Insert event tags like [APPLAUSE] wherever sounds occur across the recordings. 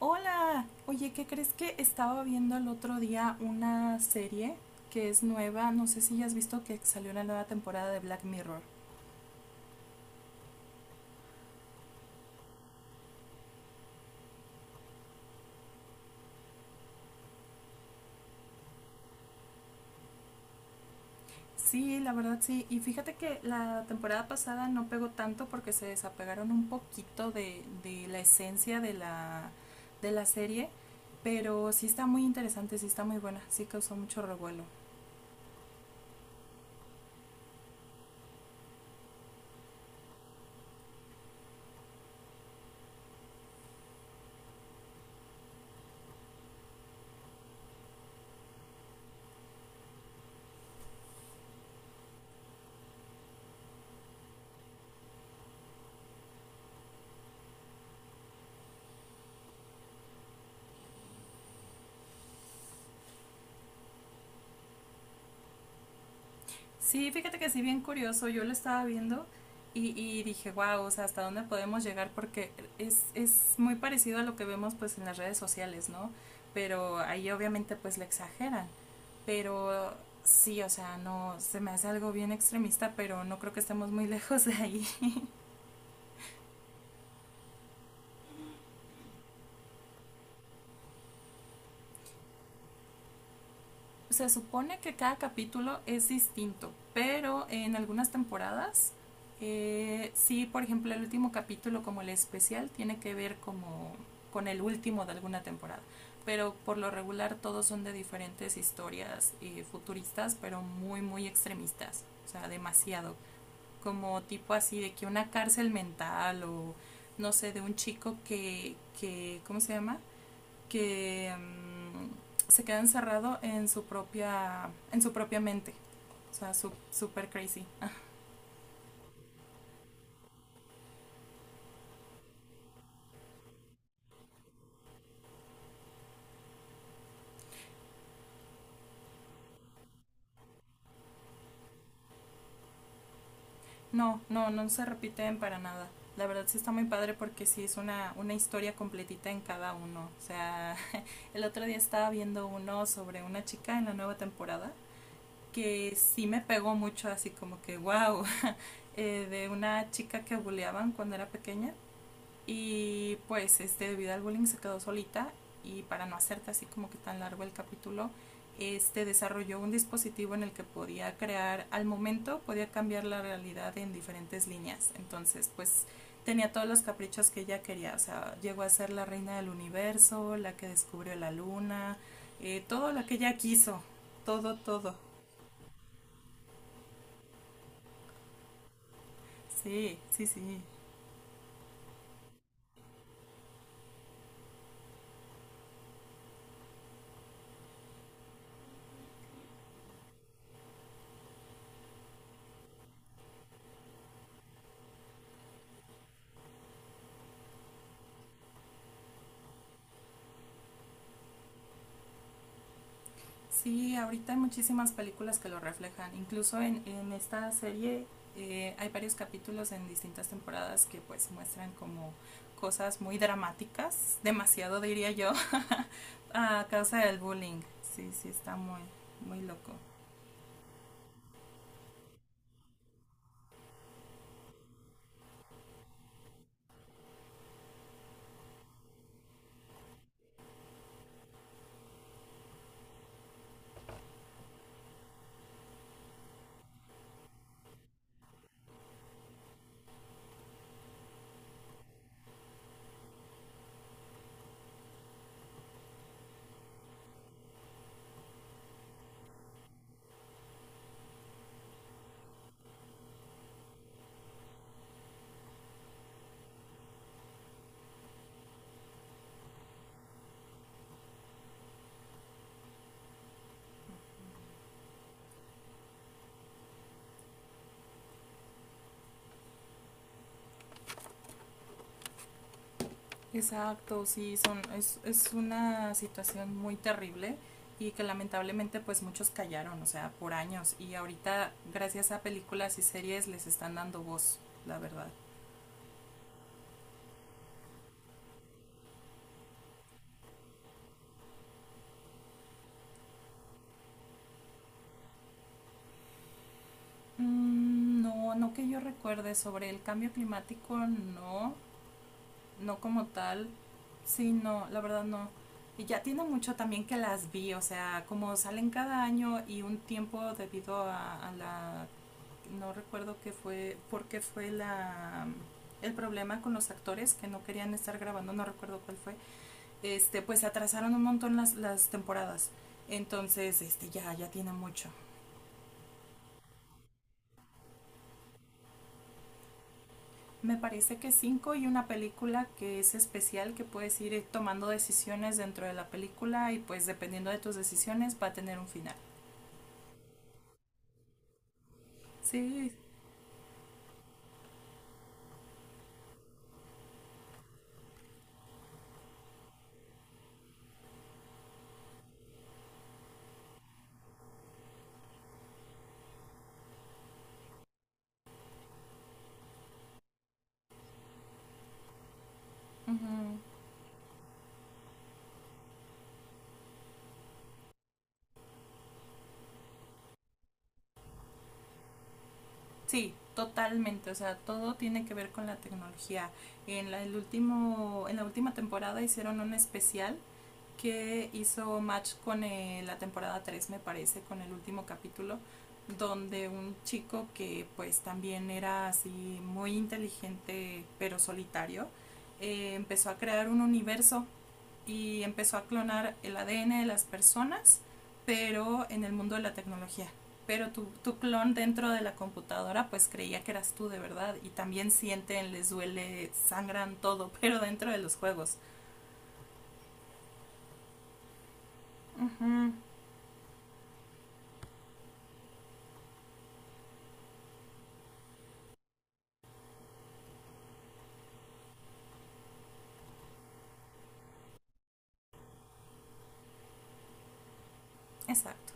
Hola, oye, ¿qué crees que estaba viendo el otro día una serie que es nueva? No sé si ya has visto que salió la nueva temporada de Black Mirror. Sí, la verdad sí. Y fíjate que la temporada pasada no pegó tanto porque se desapegaron un poquito de la esencia de la serie, pero sí está muy interesante, sí está muy buena, sí causó mucho revuelo. Sí, fíjate que sí, bien curioso, yo lo estaba viendo y dije, wow, o sea, ¿hasta dónde podemos llegar? Porque es muy parecido a lo que vemos pues en las redes sociales, ¿no? Pero ahí obviamente pues le exageran, pero sí, o sea, no, se me hace algo bien extremista, pero no creo que estemos muy [LAUGHS] lejos de ahí. Se supone que cada capítulo es distinto, pero en algunas temporadas, sí, por ejemplo, el último capítulo como el especial tiene que ver como con el último de alguna temporada, pero por lo regular todos son de diferentes historias, futuristas, pero muy, muy extremistas, o sea, demasiado, como tipo así de que una cárcel mental o no sé, de un chico que ¿cómo se llama? Que se queda encerrado en su propia mente. O sea, súper crazy. No, no, no se repiten para nada. La verdad sí está muy padre porque sí es una historia completita en cada uno. O sea, [LAUGHS] el otro día estaba viendo uno sobre una chica en la nueva temporada que sí me pegó mucho, así como que wow. [LAUGHS] De una chica que buleaban cuando era pequeña. Y pues este, debido al bullying se quedó solita y para no hacerte así como que tan largo el capítulo, este desarrolló un dispositivo en el que podía crear al momento, podía cambiar la realidad en diferentes líneas. Entonces, pues tenía todos los caprichos que ella quería. O sea, llegó a ser la reina del universo, la que descubrió la luna, todo lo que ella quiso, todo, todo. Sí, sí, sí. Sí, ahorita hay muchísimas películas que lo reflejan. Incluso en esta serie, hay varios capítulos en distintas temporadas que pues muestran como cosas muy dramáticas, demasiado diría yo, [LAUGHS] a causa del bullying. Sí, sí, está muy, muy loco. Exacto, sí, es una situación muy terrible y que lamentablemente pues muchos callaron, o sea, por años. Y ahorita gracias a películas y series les están dando voz, la verdad. Mm, no, no que yo recuerde sobre el cambio climático, no, no como tal, sí, no, la verdad no. Y ya tiene mucho también que las vi, o sea, como salen cada año y un tiempo debido a la, no recuerdo qué fue, porque fue el problema con los actores que no querían estar grabando, no recuerdo cuál fue, este, pues se atrasaron un montón las temporadas. Entonces, este, ya, ya tiene mucho. Me parece que cinco y una película que es especial, que puedes ir, tomando decisiones dentro de la película y pues dependiendo de tus decisiones va a tener un final. Sí, sí, totalmente. O sea, todo tiene que ver con la tecnología. En la última temporada hicieron un especial que hizo match con, la temporada 3 me parece, con el último capítulo, donde un chico que pues también era así muy inteligente pero solitario, empezó a crear un universo y empezó a clonar el ADN de las personas, pero en el mundo de la tecnología. Pero tu clon dentro de la computadora pues creía que eras tú de verdad y también sienten, les duele, sangran todo, [LAUGHS] pero dentro de los juegos. Ujú, exacto.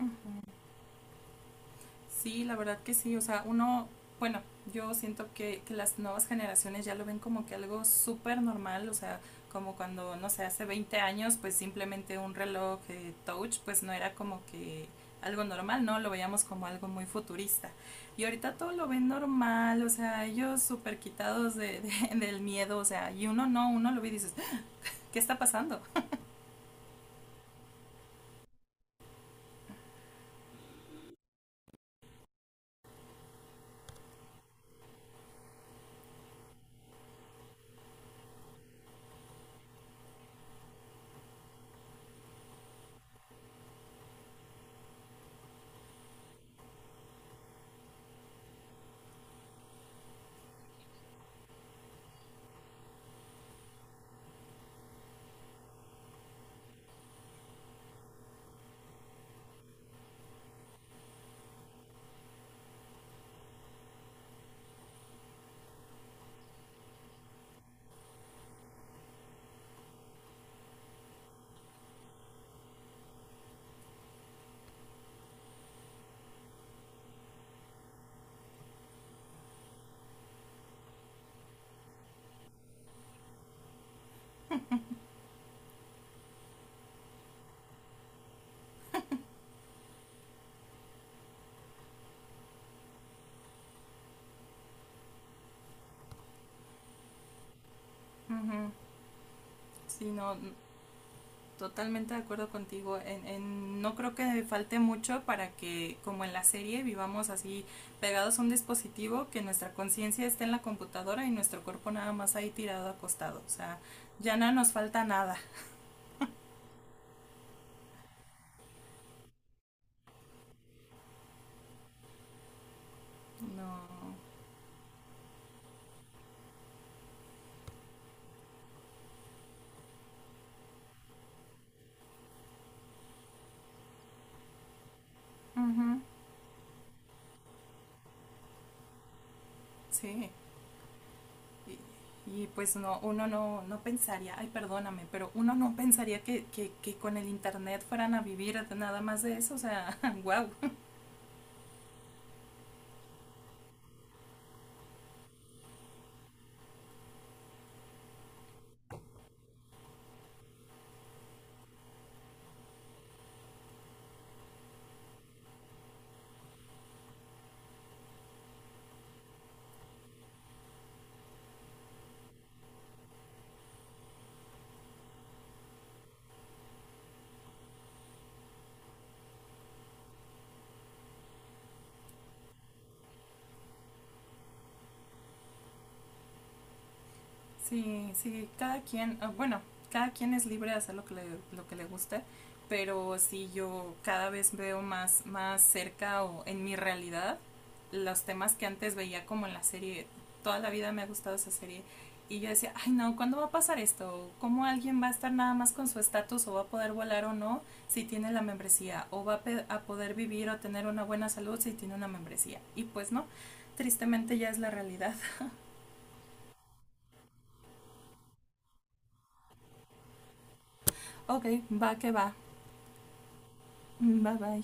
Ujú. Sí, la verdad que sí. O sea, uno, bueno, yo siento que las nuevas generaciones ya lo ven como que algo súper normal. O sea, como cuando, no sé, hace 20 años, pues simplemente un reloj, touch, pues no era como que algo normal, ¿no? Lo veíamos como algo muy futurista. Y ahorita todo lo ven normal, o sea, ellos súper quitados [LAUGHS] del miedo, o sea, y uno no, uno lo ve y dices, "Ah, ¿qué está pasando? Ujú. Sí, no, totalmente de acuerdo contigo. No creo que falte mucho para que, como en la serie, vivamos así pegados a un dispositivo, que nuestra conciencia esté en la computadora y nuestro cuerpo nada más ahí tirado acostado. O sea, ya no nos falta nada. No. Uh -huh. Sí. Y, y pues no, uno no pensaría, ay, perdóname, pero uno no pensaría que con el internet fueran a vivir nada más de eso. O sea, [LAUGHS] wow. Sí, sí, cada quien, ah, bueno, cada quien es libre de hacer lo que le guste, pero sí yo cada vez veo más, más cerca o en mi realidad los temas que antes veía como en la serie, toda la vida me ha gustado esa serie y yo decía, ay, no, ¿cuándo va a pasar esto? ¿Cómo alguien va a estar nada más con su estatus o va a poder volar o no si tiene la membresía? ¿O va a poder vivir o tener una buena salud si tiene una membresía? Y pues no, tristemente ya es la realidad. Ok, va que va. Bye bye.